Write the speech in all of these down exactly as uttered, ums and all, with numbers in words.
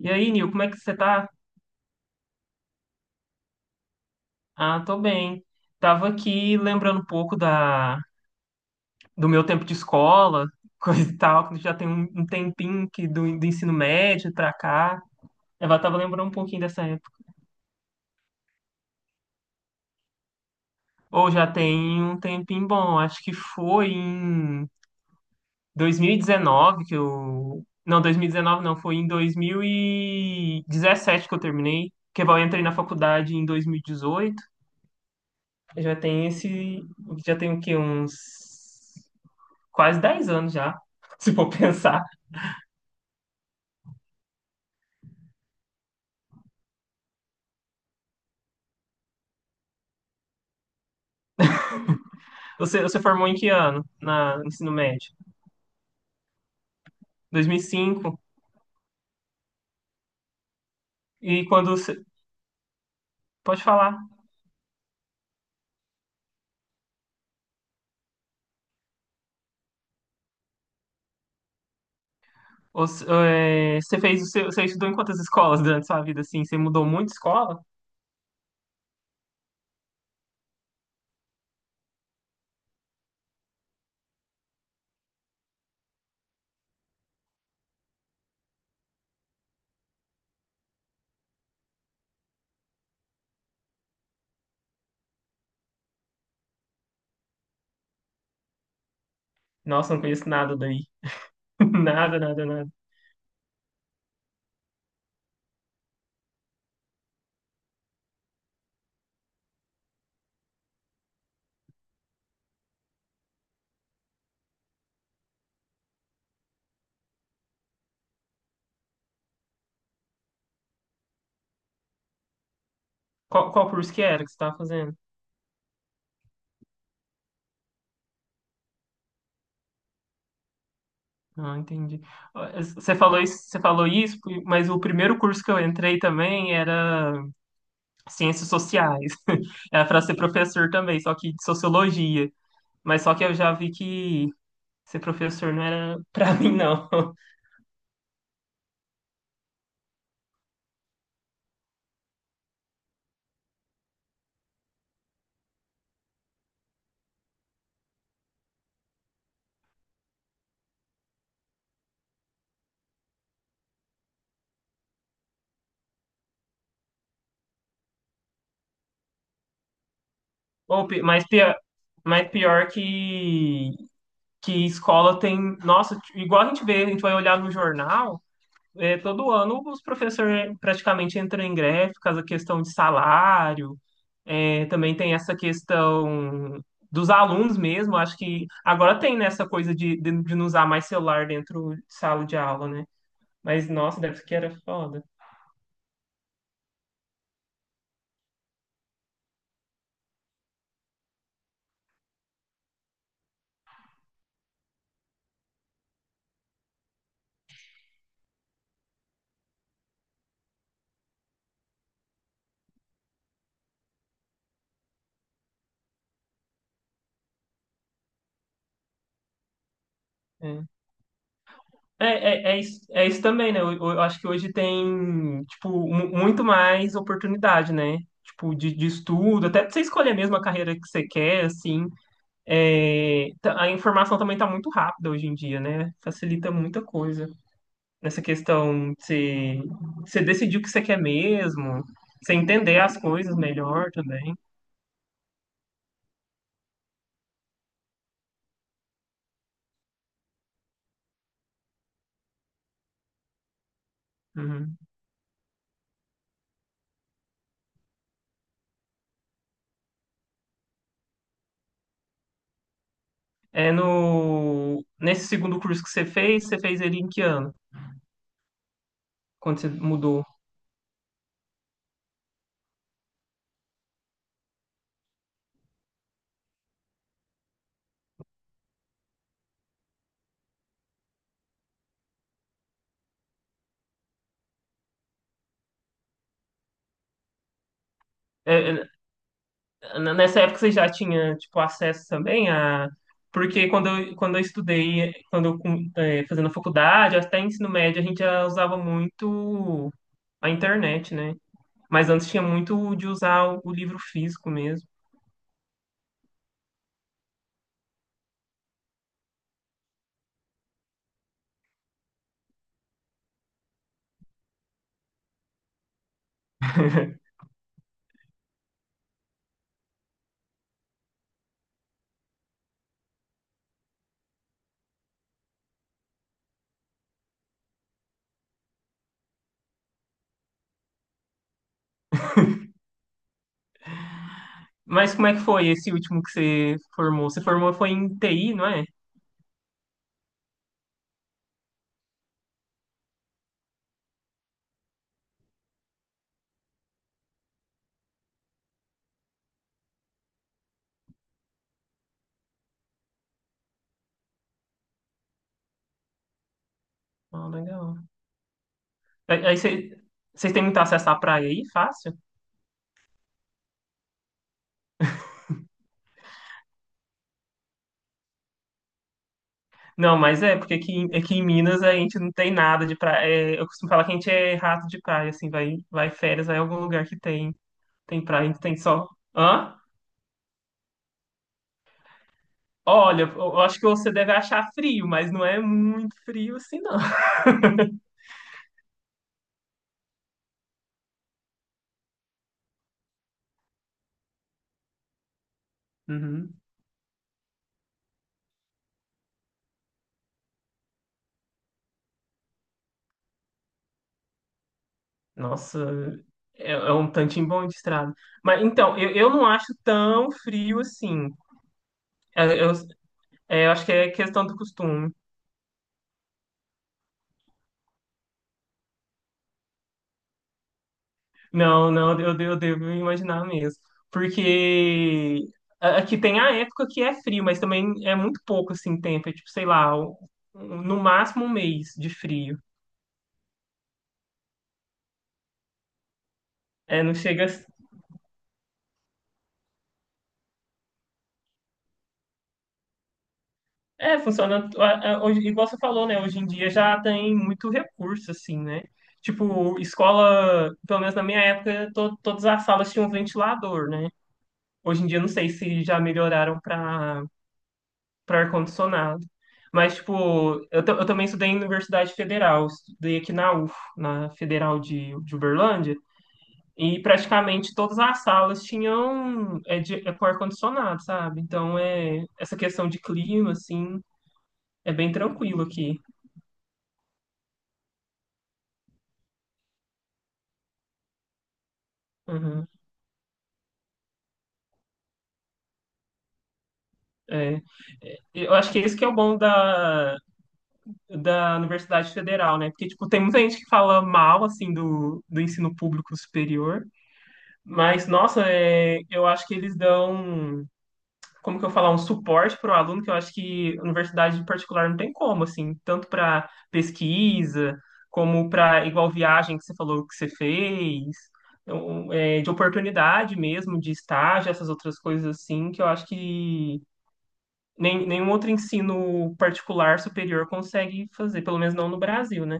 E aí, Nil, como é que você tá? Ah, tô bem. Tava aqui lembrando um pouco da, do meu tempo de escola, coisa e tal, que já tem um, um tempinho que do, do ensino médio pra cá. Eu já tava lembrando um pouquinho dessa época. Ou já tem um tempinho bom, acho que foi em dois mil e dezenove que eu. Não, dois mil e dezenove não, foi em dois mil e dezessete que eu terminei. Que eu entrei na faculdade em dois mil e dezoito. Já tem esse. Já tem o quê? Uns. Quase dez anos já, se for pensar. Você, você formou em que ano na no ensino médio? dois mil e cinco. E cinco? E quando você... Pode falar. Você, eh, você fez o seu, você estudou em quantas escolas durante sua vida, assim? Você mudou muito de escola? Nossa, não conheço nada daí. Nada, nada, nada. Qual, qual curso que era que você estava fazendo? Ah, entendi. Ah, Você falou isso, você falou isso, mas o primeiro curso que eu entrei também era Ciências Sociais. Era para ser professor também, só que de Sociologia. Mas só que eu já vi que ser professor não era pra mim, não. Ou, pi- mas, pior, mas pior que, que escola tem. Nossa, t- igual a gente vê, a gente vai olhar no jornal, é, todo ano os professores praticamente entram em greve por causa da questão de salário. É, também tem essa questão dos alunos mesmo. Acho que agora tem nessa coisa de, de, de não usar mais celular dentro de sala de aula, né? Mas nossa, deve ser que era foda. É. É, é, é isso, é isso também, né? Eu, eu acho que hoje tem, tipo, mu- muito mais oportunidade, né? Tipo, de, de estudo, até pra você escolher mesmo a carreira que você quer, assim. É, tá- a informação também tá muito rápida hoje em dia, né? Facilita muita coisa. Nessa questão de você, você decidir o que você quer mesmo, você entender as coisas melhor também. Uhum. É no, nesse segundo curso que você fez, você fez ele em que ano? Quando você mudou? É, é, N- Nessa época você já tinha, tipo, acesso também a... Porque quando eu, quando eu estudei, quando eu com- eh, fazendo faculdade, até ensino médio, a gente já usava muito a internet, né? Mas antes tinha muito de usar o, o livro físico mesmo. Mas como é que foi esse último que você formou? Você formou foi em T I, não é? Ah, legal. Aí aí você, vocês têm muito acesso à praia aí? Fácil? Não, mas é, porque aqui, aqui em Minas a gente não tem nada de praia. É, eu costumo falar que a gente é rato de praia, assim, vai, vai férias, vai em algum lugar que tem, tem praia, a gente tem só. Hã? Olha, eu eu acho que você deve achar frio, mas não é muito frio assim, não. Uhum. Nossa, é, é um tantinho bom de estrada. Mas então, eu, eu não acho tão frio assim. Eu, eu, É, eu acho que é questão do costume. Não, não, eu, eu devo imaginar mesmo. Porque a- aqui tem a época que é frio, mas também é muito pouco assim tempo, é tipo, sei lá, um- um- no máximo um mês de frio. É, não chega. É, funciona. a- a- Hoje, igual você falou, né? Hoje em dia já tem muito recurso, assim, né? Tipo, escola, pelo menos na minha época, to- todas as salas tinham ventilador, né? Hoje em dia, não sei se já melhoraram para para ar-condicionado. Mas, tipo, eu, ta- eu também estudei em Universidade Federal, estudei aqui na U F, na Federal de, de Uberlândia, e praticamente todas as salas tinham é, de, é com ar-condicionado, sabe? Então, é, essa questão de clima, assim, é bem tranquilo aqui. Uhum, é. É, eu acho que esse que é o bom da, da Universidade Federal, né? Porque, tipo, tem muita gente que fala mal, assim, do, do ensino público superior, mas, nossa, é, eu acho que eles dão como que eu falar, um suporte para o aluno que eu acho que universidade particular não tem como, assim, tanto para pesquisa, como para igual viagem que você falou que você fez, então, é, de oportunidade mesmo, de estágio, essas outras coisas assim, que eu acho que nem, nenhum outro ensino particular superior consegue fazer, pelo menos não no Brasil, né?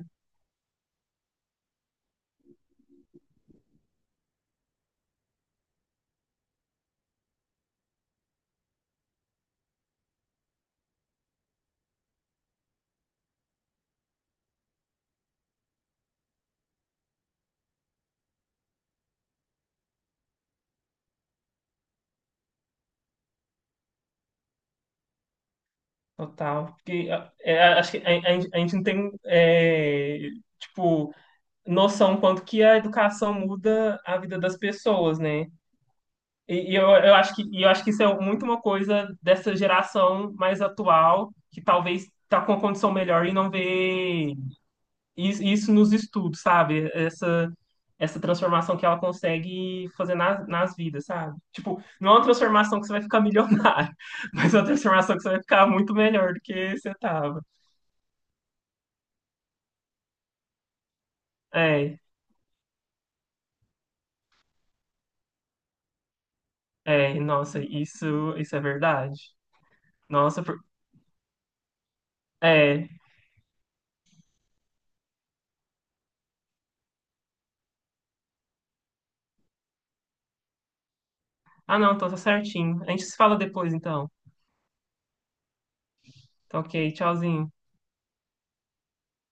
Total. Porque a- é, acho que a, a- gente a gente não tem, é, tipo, noção quanto que a educação muda a vida das pessoas, né? E, e eu, eu acho que, e eu acho que isso é muito uma coisa dessa geração mais atual, que talvez está com uma condição melhor e não vê isso, isso nos estudos, sabe? Essa, essa transformação que ela consegue fazer nas, nas vidas, sabe? Tipo, não é uma transformação que você vai ficar milionário, mas é uma transformação que você vai ficar muito melhor do que você estava. É, é, nossa, isso, isso é verdade. Nossa, por- é. Ah, não, tô, tô certinho. A gente se fala depois, então. Tá ok, tchauzinho.